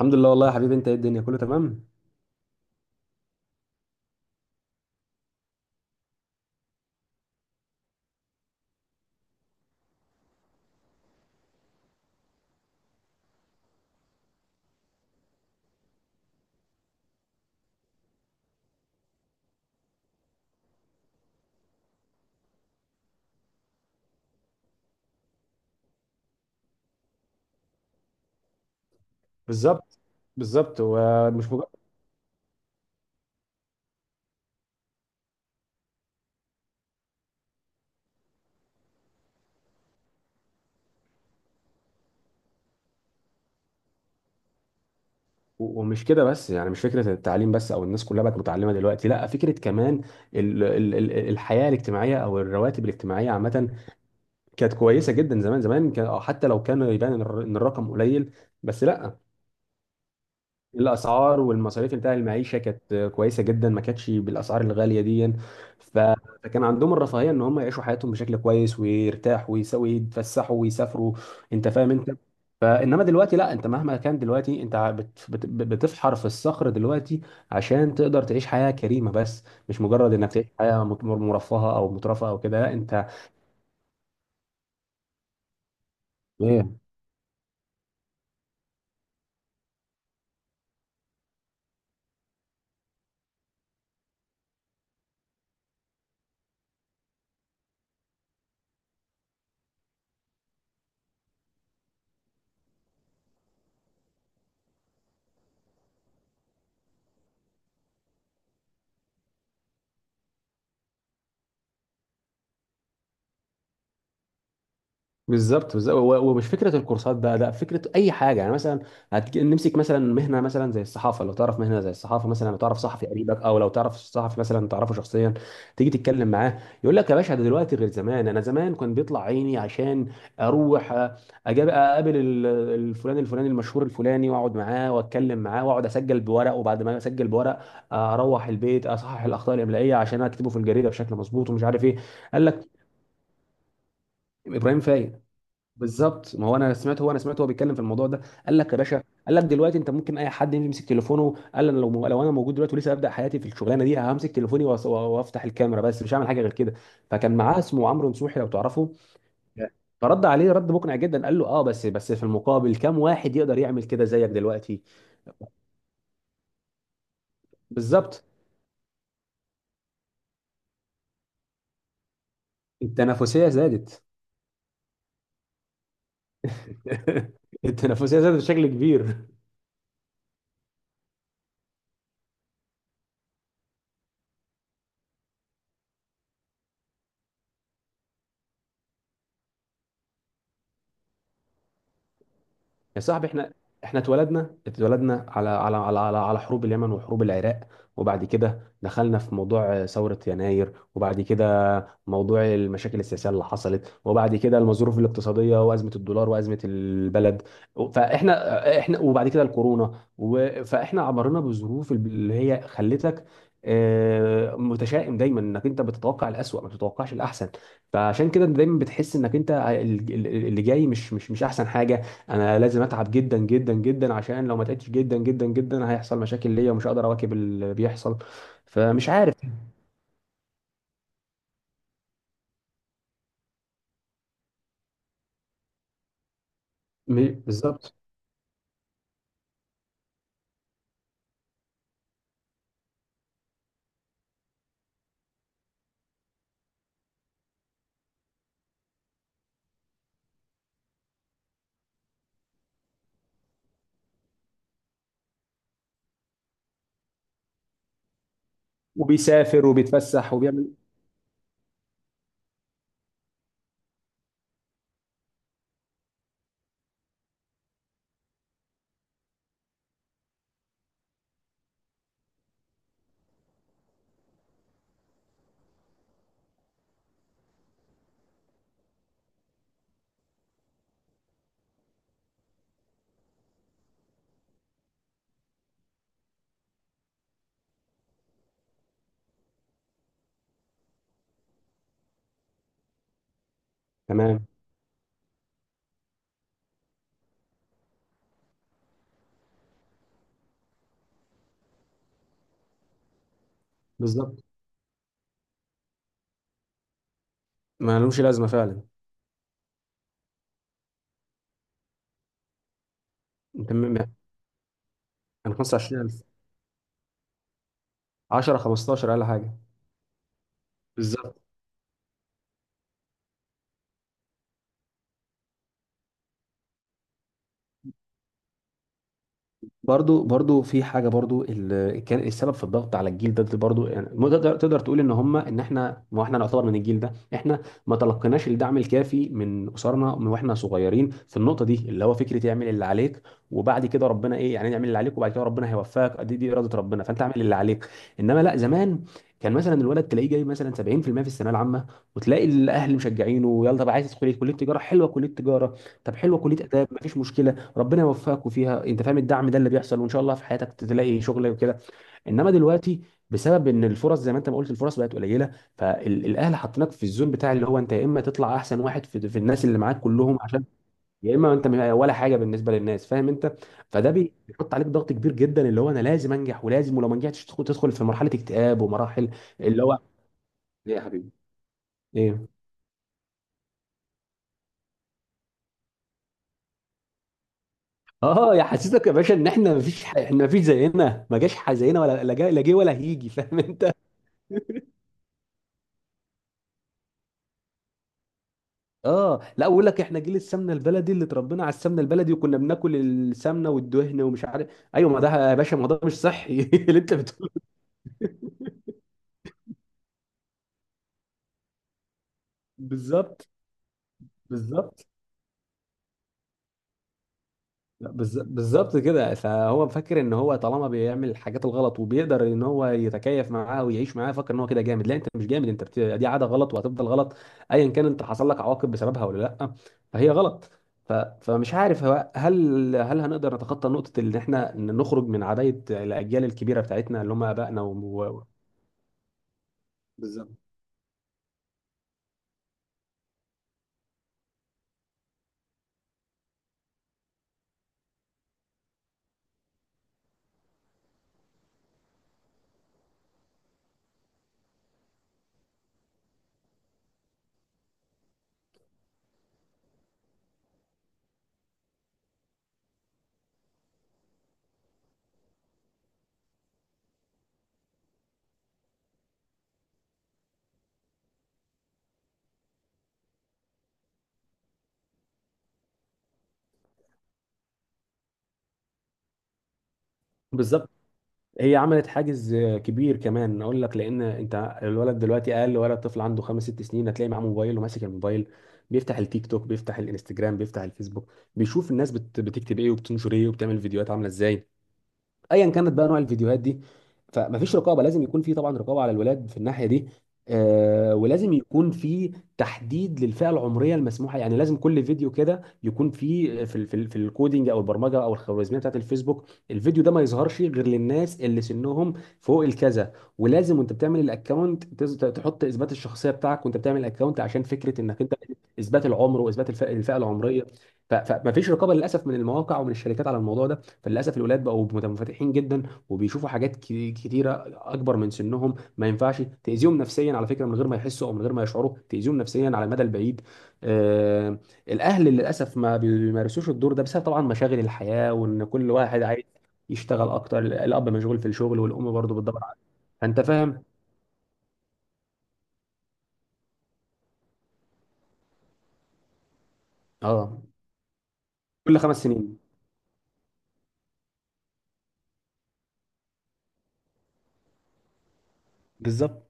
الحمد لله، والله يا حبيبي. انت ايه؟ الدنيا كله تمام؟ بالظبط، بالظبط، ومش مجرد. ومش كده بس، يعني مش فكره التعليم بس او الناس كلها بقت متعلمه دلوقتي، لا، فكره كمان ال ال ال الحياه الاجتماعيه او الرواتب الاجتماعيه عامه كانت كويسه جدا زمان. زمان كان، أو حتى لو كان يبان ان ان الرقم قليل بس، لا. الاسعار والمصاريف بتاع المعيشه كانت كويسه جدا، ما كانتش بالاسعار الغاليه دي. ف- فكان عندهم الرفاهيه ان هم يعيشوا حياتهم بشكل كويس ويرتاحوا ويسوي يتفسحوا ويسافروا. انت فاهم انت؟ فانما دلوقتي لا، انت مهما كان دلوقتي، انت ع- بت بت بتفحر في الصخر دلوقتي عشان تقدر تعيش حياه كريمه، بس مش مجرد انك تعيش حياه مرفهه او مترفه او كده، لا انت. بالظبط، بالظبط، ومش فكره الكورسات بقى، لا فكره اي حاجه. يعني مثلا نمسك مثلا مهنه، مثلا زي الصحافه. لو تعرف مهنه زي الصحافه، مثلا لو تعرف صحفي قريبك او لو تعرف صحفي مثلا تعرفه شخصيا، تيجي تتكلم معاه يقول لك يا باشا، ده دلوقتي غير زمان. انا زمان كان بيطلع عيني عشان اروح أجاب اقابل الفلان الفلاني المشهور الفلاني، واقعد معاه واتكلم معاه واقعد اسجل بورق. وبعد ما اسجل بورق اروح البيت اصحح الاخطاء الاملائيه عشان اكتبه في الجريده بشكل مظبوط ومش عارف ايه. قال لك ابراهيم فايق. بالظبط. ما هو انا سمعت هو بيتكلم في الموضوع ده. قال لك يا باشا، قال لك دلوقتي انت ممكن اي حد يمسك تليفونه. قال انا لو انا موجود دلوقتي ولسه ابدا حياتي في الشغلانه دي، همسك تليفوني وافتح الكاميرا بس، مش هعمل حاجه غير كده. فكان معاه اسمه عمرو نصوحي، لو تعرفه. فرد عليه رد مقنع جدا. قال له اه، بس في المقابل كم واحد يقدر يعمل كده زيك دلوقتي؟ بالظبط. التنافسيه زادت. التنافسيه زادت بشكل كبير. يا صاحبي، احنا اتولدنا على حروب اليمن وحروب العراق. وبعد كده دخلنا في موضوع ثورة يناير، وبعد كده موضوع المشاكل السياسية اللي حصلت، وبعد كده الظروف الاقتصادية وأزمة الدولار وأزمة البلد. فاحنا وبعد كده الكورونا فاحنا عبرنا بظروف اللي هي خلتك متشائم دايما، انك انت بتتوقع الأسوأ ما بتتوقعش الأحسن. فعشان كده دايما بتحس انك انت اللي جاي مش احسن حاجة. انا لازم اتعب جدا جدا جدا، عشان لو ما تعبتش جدا جدا جدا هيحصل مشاكل ليا ومش هقدر اواكب اللي بيحصل. فمش عارف. بالظبط. وبيسافر وبيتفسح وبيعمل. تمام. بالظبط. ما لهمش لازمه فعلا. انت كان 25000، 10 15000 اقل حاجه. بالظبط. برضو في حاجه برضو اللي كان السبب في الضغط على الجيل ده، ده برضو. يعني ما تقدر تقول ان هم ان احنا، ما احنا نعتبر من الجيل ده، احنا ما تلقيناش الدعم الكافي من اسرنا من واحنا صغيرين في النقطه دي اللي هو فكره اعمل اللي عليك، وبعد كده ربنا ايه، يعني اعمل اللي عليك وبعد كده ربنا هيوفقك. دي اراده ربنا، فانت اعمل اللي عليك. انما لا، زمان كان مثلا الولد تلاقيه جاي مثلا 70% في المية في الثانويه العامه، وتلاقي الاهل مشجعينه: يلا طب، عايز تدخل إيه؟ كليه تجاره؟ حلوه كليه تجاره. طب حلوه كليه اداب، مفيش مشكله، ربنا يوفقك فيها. انت فاهم الدعم ده اللي بيحصل؟ وان شاء الله في حياتك تلاقي شغل وكده. انما دلوقتي، بسبب ان الفرص، زي ما انت ما قلت، الفرص بقت قليله، فالاهل حاطينك في الزون بتاع اللي هو انت يا اما تطلع احسن واحد في الناس اللي معاك كلهم عشان، يا اما انت ولا حاجه بالنسبه للناس. فاهم انت؟ فده بيحط عليك ضغط كبير جدا، اللي هو انا لازم انجح ولازم، ولو ما نجحتش تدخل في مرحله اكتئاب ومراحل اللي هو. ايه يا حبيبي؟ ايه؟ اه، يا حسيتك يا باشا ان احنا مفيش احنا مفيش زينا، ما جاش زينا، ولا لا لا جه ولا هيجي. فاهم انت؟ اه لا، اقول لك احنا جيل السمنه البلدي، اللي اتربينا على السمنه البلدي، وكنا بناكل السمنه والدهن ومش عارف ايوه. ما ده يا باشا، ما ده مش صحي اللي انت بتقوله. بالظبط. بالظبط. لا، بالظبط كده. فهو فاكر ان هو طالما بيعمل الحاجات الغلط وبيقدر ان هو يتكيف معاها ويعيش معاها، فاكر ان هو كده جامد. لا انت مش جامد، انت دي عاده غلط وهتفضل غلط. ايا كان انت حصل لك عواقب بسببها ولا لا، فهي غلط. فمش عارف هو، هل هنقدر نتخطى نقطه ان احنا نخرج من عبايه الاجيال الكبيره بتاعتنا اللي هم ابائنا و... بالظبط. بالظبط. هي عملت حاجز كبير، كمان اقول لك. لان انت الولد دلوقتي، اقل ولد طفل عنده خمس ست سنين هتلاقي معاه موبايل وماسك الموبايل، بيفتح التيك توك، بيفتح الانستجرام، بيفتح الفيسبوك، بيشوف الناس بتكتب ايه وبتنشر ايه وبتعمل فيديوهات عامله ازاي، ايا كانت بقى نوع الفيديوهات دي. فمفيش رقابه. لازم يكون في طبعا رقابه على الولاد في الناحيه دي، آه، ولازم يكون في تحديد للفئه العمريه المسموحه. يعني لازم كل فيديو كده يكون في في في الكودينج او البرمجه او الخوارزميه بتاعت الفيسبوك، الفيديو ده ما يظهرش غير للناس اللي سنهم فوق الكذا. ولازم وانت بتعمل الاكونت تحط اثبات الشخصيه بتاعك وانت بتعمل الاكونت، عشان فكره انك انت اثبات العمر واثبات الفئة العمريه. فمفيش رقابه للاسف من المواقع ومن الشركات على الموضوع ده. فللاسف الولاد بقوا منفتحين جدا، وبيشوفوا حاجات كتيره اكبر من سنهم. ما ينفعش تاذيهم نفسيا، على فكره، من غير ما يحسوا او من غير ما يشعروا، تاذيهم نفسيا على المدى البعيد. آه. الاهل للاسف ما بيمارسوش الدور ده، بسبب طبعا مشاغل الحياه، وان كل واحد عايز يشتغل اكتر. الاب مشغول في الشغل والام برضه بتدور على. فانت فاهم. اه، كل خمس سنين. بالظبط.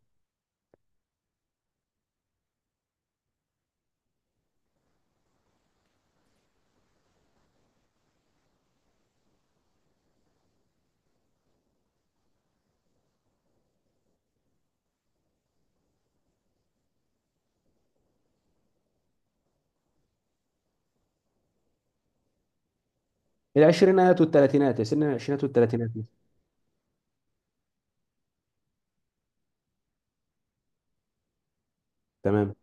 العشرينات والثلاثينات، سن العشرينات والثلاثينات. تمام.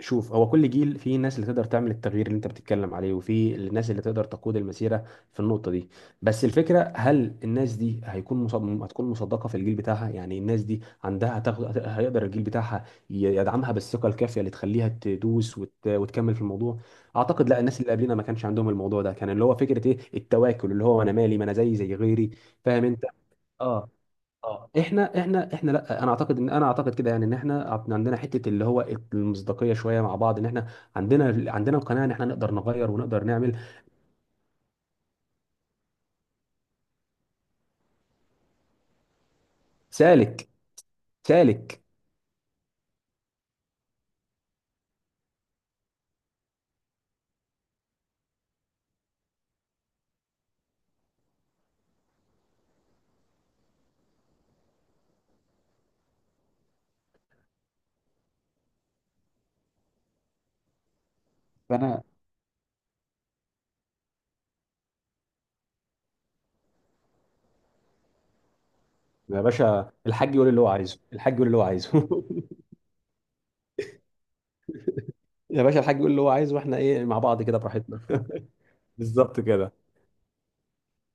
شوف، هو كل جيل فيه ناس اللي تقدر تعمل التغيير اللي انت بتتكلم عليه، وفي الناس اللي تقدر تقود المسيره في النقطه دي. بس الفكره، هل الناس دي هيكون هتكون مصدقه في الجيل بتاعها؟ يعني الناس دي عندها هيقدر الجيل بتاعها يدعمها بالثقه الكافيه اللي تخليها تدوس وتكمل في الموضوع. اعتقد لا. الناس اللي قبلنا ما كانش عندهم الموضوع ده، كان اللي هو فكره ايه التواكل، اللي هو انا مالي، ما انا زي غيري. فاهم انت؟ اه. اه، احنا لا، انا اعتقد ان انا اعتقد كده، يعني ان احنا عندنا حته اللي هو المصداقيه شويه مع بعض، ان احنا عندنا القناعه ان احنا نقدر نغير ونقدر نعمل. سالك سالك. فانا. يا باشا الحاج يقول اللي هو عايزه، الحاج يقول اللي هو عايزه. يا باشا الحاج يقول اللي هو عايزه، واحنا ايه مع بعض كده براحتنا. بالظبط كده.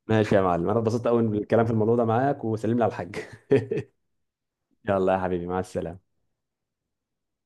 ماشي يا معلم، انا اتبسطت قوي بالكلام في الموضوع ده معاك. وسلم لي على الحاج. يلا يا حبيبي، مع السلامه.